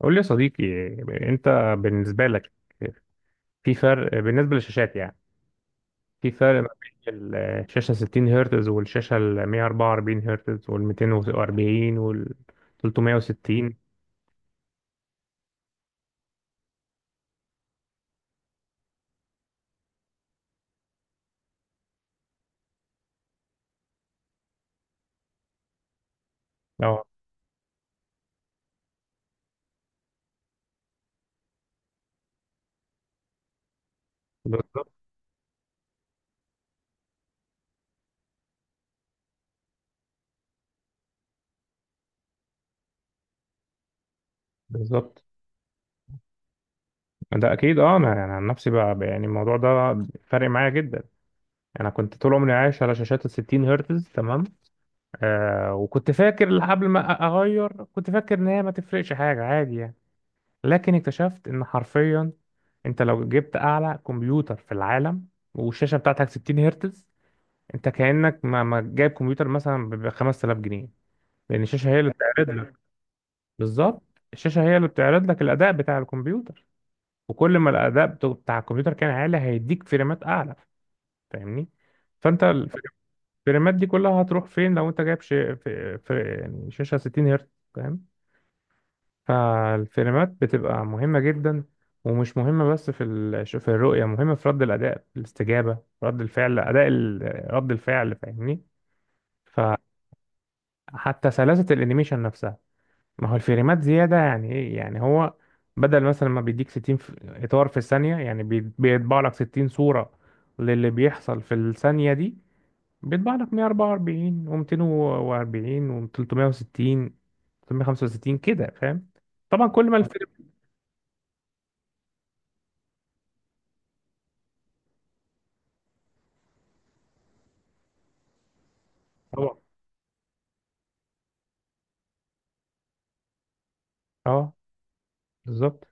قول لي يا صديقي. انت، بالنسبه لك، في فرق بالنسبه للشاشات يعني؟ في فرق ما بين الشاشه 60 هرتز والشاشه ال 144 هرتز وال 240 وال 360؟ اه، بالظبط. بالظبط، ده اكيد. اه، انا يعني عن نفسي بقى يعني الموضوع ده فارق معايا جدا. انا كنت طول عمري عايش على شاشات ال 60 هرتز، تمام. آه، وكنت فاكر قبل ما اغير، كنت فاكر ان هي ما تفرقش حاجه، عادي يعني. لكن اكتشفت ان حرفيا انت لو جبت اعلى كمبيوتر في العالم والشاشه بتاعتك 60 هرتز، انت كانك ما جايب كمبيوتر، مثلا ب 5000 جنيه. لان الشاشه هي اللي بتعرض لك. بالظبط. الشاشه هي اللي بتعرض لك الاداء بتاع الكمبيوتر. وكل ما الاداء بتاع الكمبيوتر كان عالي، هيديك فريمات اعلى. فاهمني؟ فانت، الفريمات دي كلها هتروح فين لو انت جايب شي، يعني شاشه 60 هرتز؟ فالفريمات بتبقى مهمة جدا. ومش مهمة بس في في الرؤية، مهمة في رد الأداء، في الاستجابة. رد الفعل. رد الفعل، فاهمني؟ فحتى سلاسة الأنيميشن نفسها. ما هو الفريمات زيادة يعني إيه؟ يعني هو بدل مثلا ما بيديك 60 إطار في الثانية، يعني بيطبع لك 60 صورة للي بيحصل في الثانية دي. بيطبع لك 144 و240 و360، 365 كده، فاهم؟ طبعا كل ما الفيلم. طبعا، اه، بالظبط.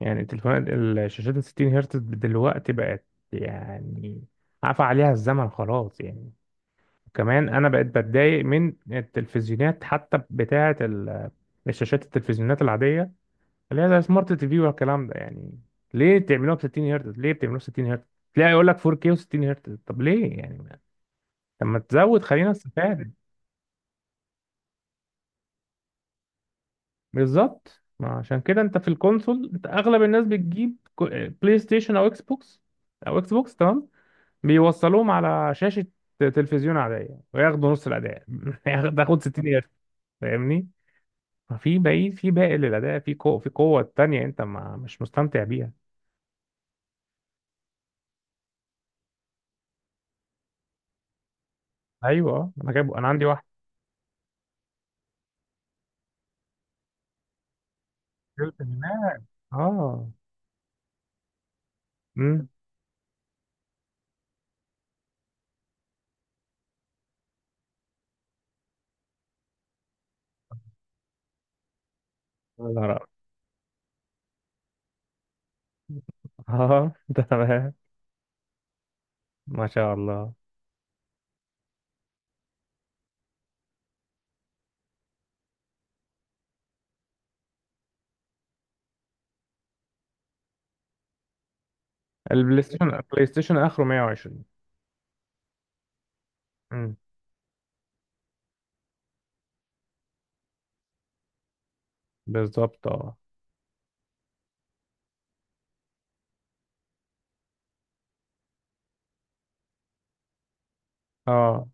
يعني التليفونات، الشاشات ال 60 هرتز دلوقتي بقت يعني عفى عليها الزمن خلاص يعني. كمان انا بقيت بتضايق من التلفزيونات حتى، بتاعه الشاشات، التلفزيونات العاديه اللي هي زي سمارت تي في والكلام ده يعني. ليه بتعملوها ب 60 هرتز؟ ليه بتعملوها 60 هرتز؟ تلاقي يقول لك 4K و60 هرتز، طب ليه يعني؟ طب ما تزود، خلينا نستفاد. بالظبط. ما عشان كده انت في الكونسول، انت اغلب الناس بتجيب بلاي ستيشن او اكس بوكس. تمام. بيوصلوهم على شاشة تلفزيون عادية وياخدوا نص الأداء تاخد 60 قرش. فاهمني؟ ففي باقي للأداء، في قوة تانية أنت ما مش مستمتع بيها. أيوه، آه. أنا جايبه، أنا عندي واحد. شلت هناك، أه. أمم يا نهار أبيض. أه تمام، ما شاء الله. البلاي ستيشن آخره 120. أمم بالظبط، أه. أه،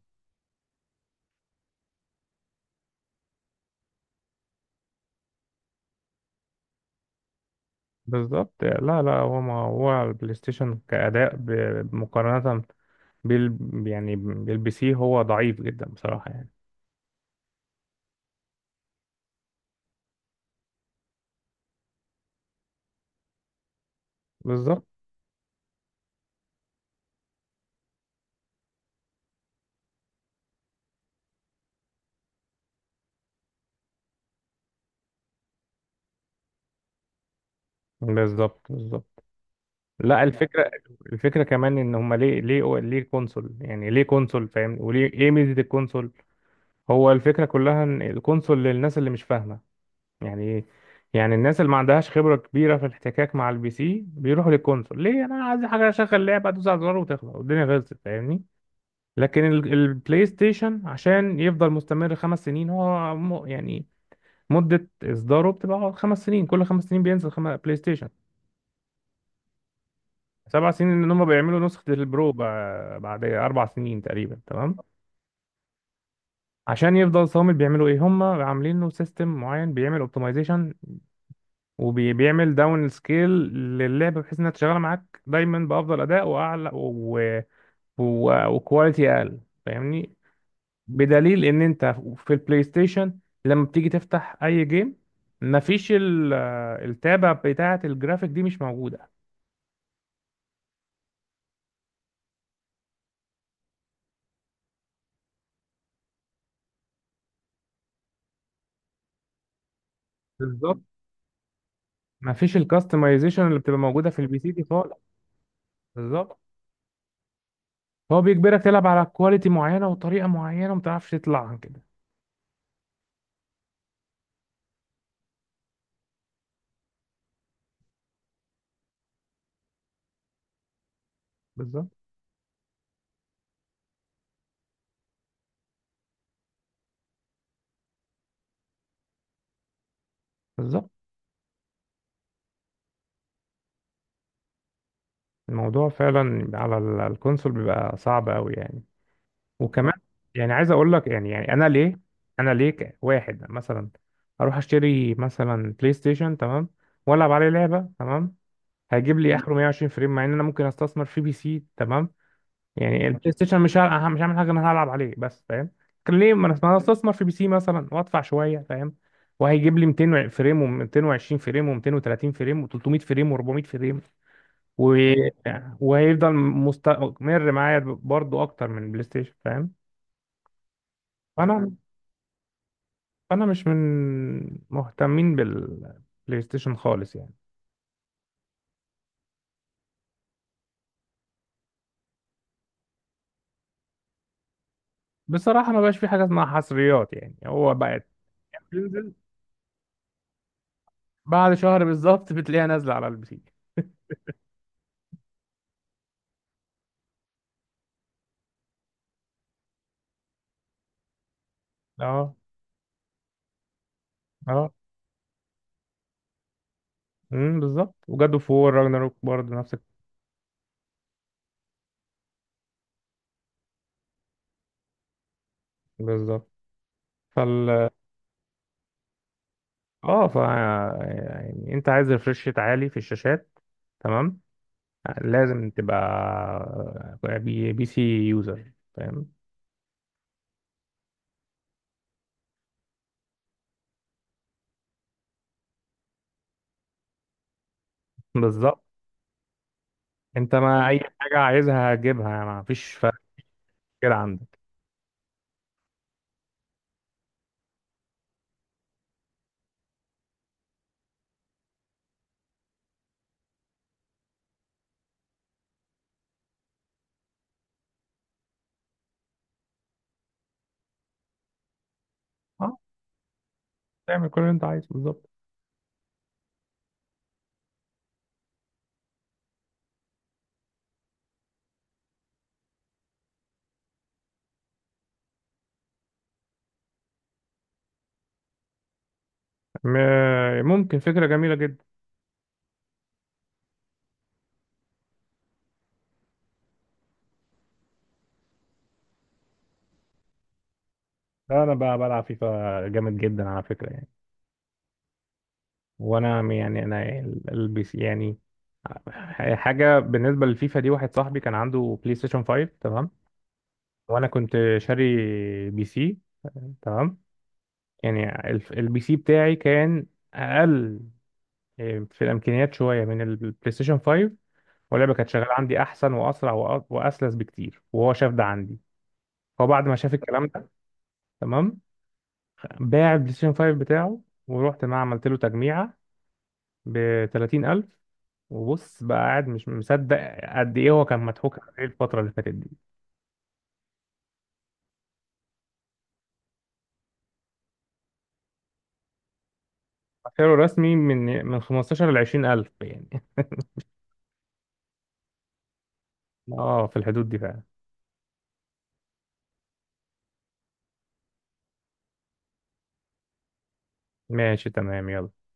بالظبط. لا لا، هو ما هو البلاي ستيشن كأداء مقارنة بيل يعني بيلبسيه، هو ضعيف جدا بصراحة يعني. بالظبط. بالظبط. بالظبط. لا، يعني الفكرة. كمان ان هما ليه ليه ليه كونسول، يعني ليه كونسول، فاهم؟ وليه ايه ميزة الكونسول؟ هو الفكرة كلها ان الكونسول للناس اللي مش فاهمة يعني ايه. يعني الناس اللي ما عندهاش خبرة كبيرة في الاحتكاك مع البي سي بيروحوا للكونسول. ليه؟ انا عايز حاجة اشغل لعبة، ادوس على الزرار وتخلص والدنيا خلصت، فاهمني؟ لكن البلاي ستيشن عشان يفضل مستمر 5 سنين يعني مدة إصداره بتبقى 5 سنين، كل 5 سنين بينزل بلاي ستيشن. 7 سنين إن هم بيعملوا نسخة البرو بعد 4 سنين تقريبا، تمام. عشان يفضل صامد بيعملوا إيه؟ هم عاملين له سيستم معين بيعمل أوبتمايزيشن وبيعمل داون سكيل للعبة، بحيث إنها تشتغل معاك دايما بأفضل أداء وأعلى وكواليتي أقل، فاهمني؟ بدليل إن أنت في البلاي ستيشن لما بتيجي تفتح أي جيم، مفيش التابة بتاعة الجرافيك دي، مش موجودة. بالظبط. ما فيش الكاستمايزيشن اللي بتبقى موجوده في البي سي دي خالص. بالظبط. هو بيجبرك تلعب على كواليتي معينه وطريقه معينه وما تعرفش تطلع عن كده. بالظبط. بالظبط. الموضوع فعلا على الكونسول بيبقى صعب قوي يعني. وكمان يعني عايز اقول لك يعني، انا ليه، واحد مثلا اروح اشتري مثلا بلاي ستيشن تمام، والعب عليه لعبه تمام، هيجيب لي اخره 120 فريم، مع ان انا ممكن استثمر في بي سي، تمام. يعني البلاي ستيشن مش هعمل حاجه، انا هلعب عليه بس، فاهم؟ كان ليه ما انا ما أنا استثمر في بي سي مثلا وادفع شويه، فاهم؟ وهيجيب لي 200 فريم و220 فريم و230 فريم و300 فريم و400 فريم و... وهيفضل مستمر معايا برضو اكتر من البلاي ستيشن، فاهم؟ فانا فانا مش من مهتمين بالبلاي ستيشن خالص يعني. بصراحه ما بقاش في حاجه اسمها حصريات، يعني هو بقت بتنزل بعد شهر بالظبط، بتلاقيها نازله على البي سي. اه. اه. بالظبط. وجاد اوف وور راجناروك برضه نفسك. بالظبط. فال اه، ف يعني انت عايز ريفرش ريت عالي في الشاشات، تمام، لازم تبقى بي سي يوزر، فاهم؟ بالظبط. انت ما اي حاجه عايزها هتجيبها، يعني ما فيش فرق كده عندك. اه. تعمل كل اللي انت عايزه، بالظبط. ممكن، فكره جميله جدا. لا، انا بقى بلعب فيفا جامد جدا على فكره يعني. وانا يعني انا، البي سي يعني حاجه. بالنسبه للفيفا دي، واحد صاحبي كان عنده بلاي ستيشن 5 تمام، وانا كنت شاري بي سي، تمام. يعني البي سي بتاعي كان اقل، إيه، في الامكانيات شويه من البلاي ستيشن 5. واللعبه كانت شغاله عندي احسن واسرع واسلس بكتير، وهو شاف ده عندي. هو بعد ما شاف الكلام ده، تمام، باع البلاي ستيشن 5 بتاعه، ورحت معاه عملت له تجميعه ب 30,000. وبص بقى قاعد مش مصدق قد ايه هو كان مضحوك عليه الفتره اللي فاتت دي. سعره رسمي من 15 ل 20 ألف يعني. اه، في الحدود دي فعلا. ماشي، تمام، يلا.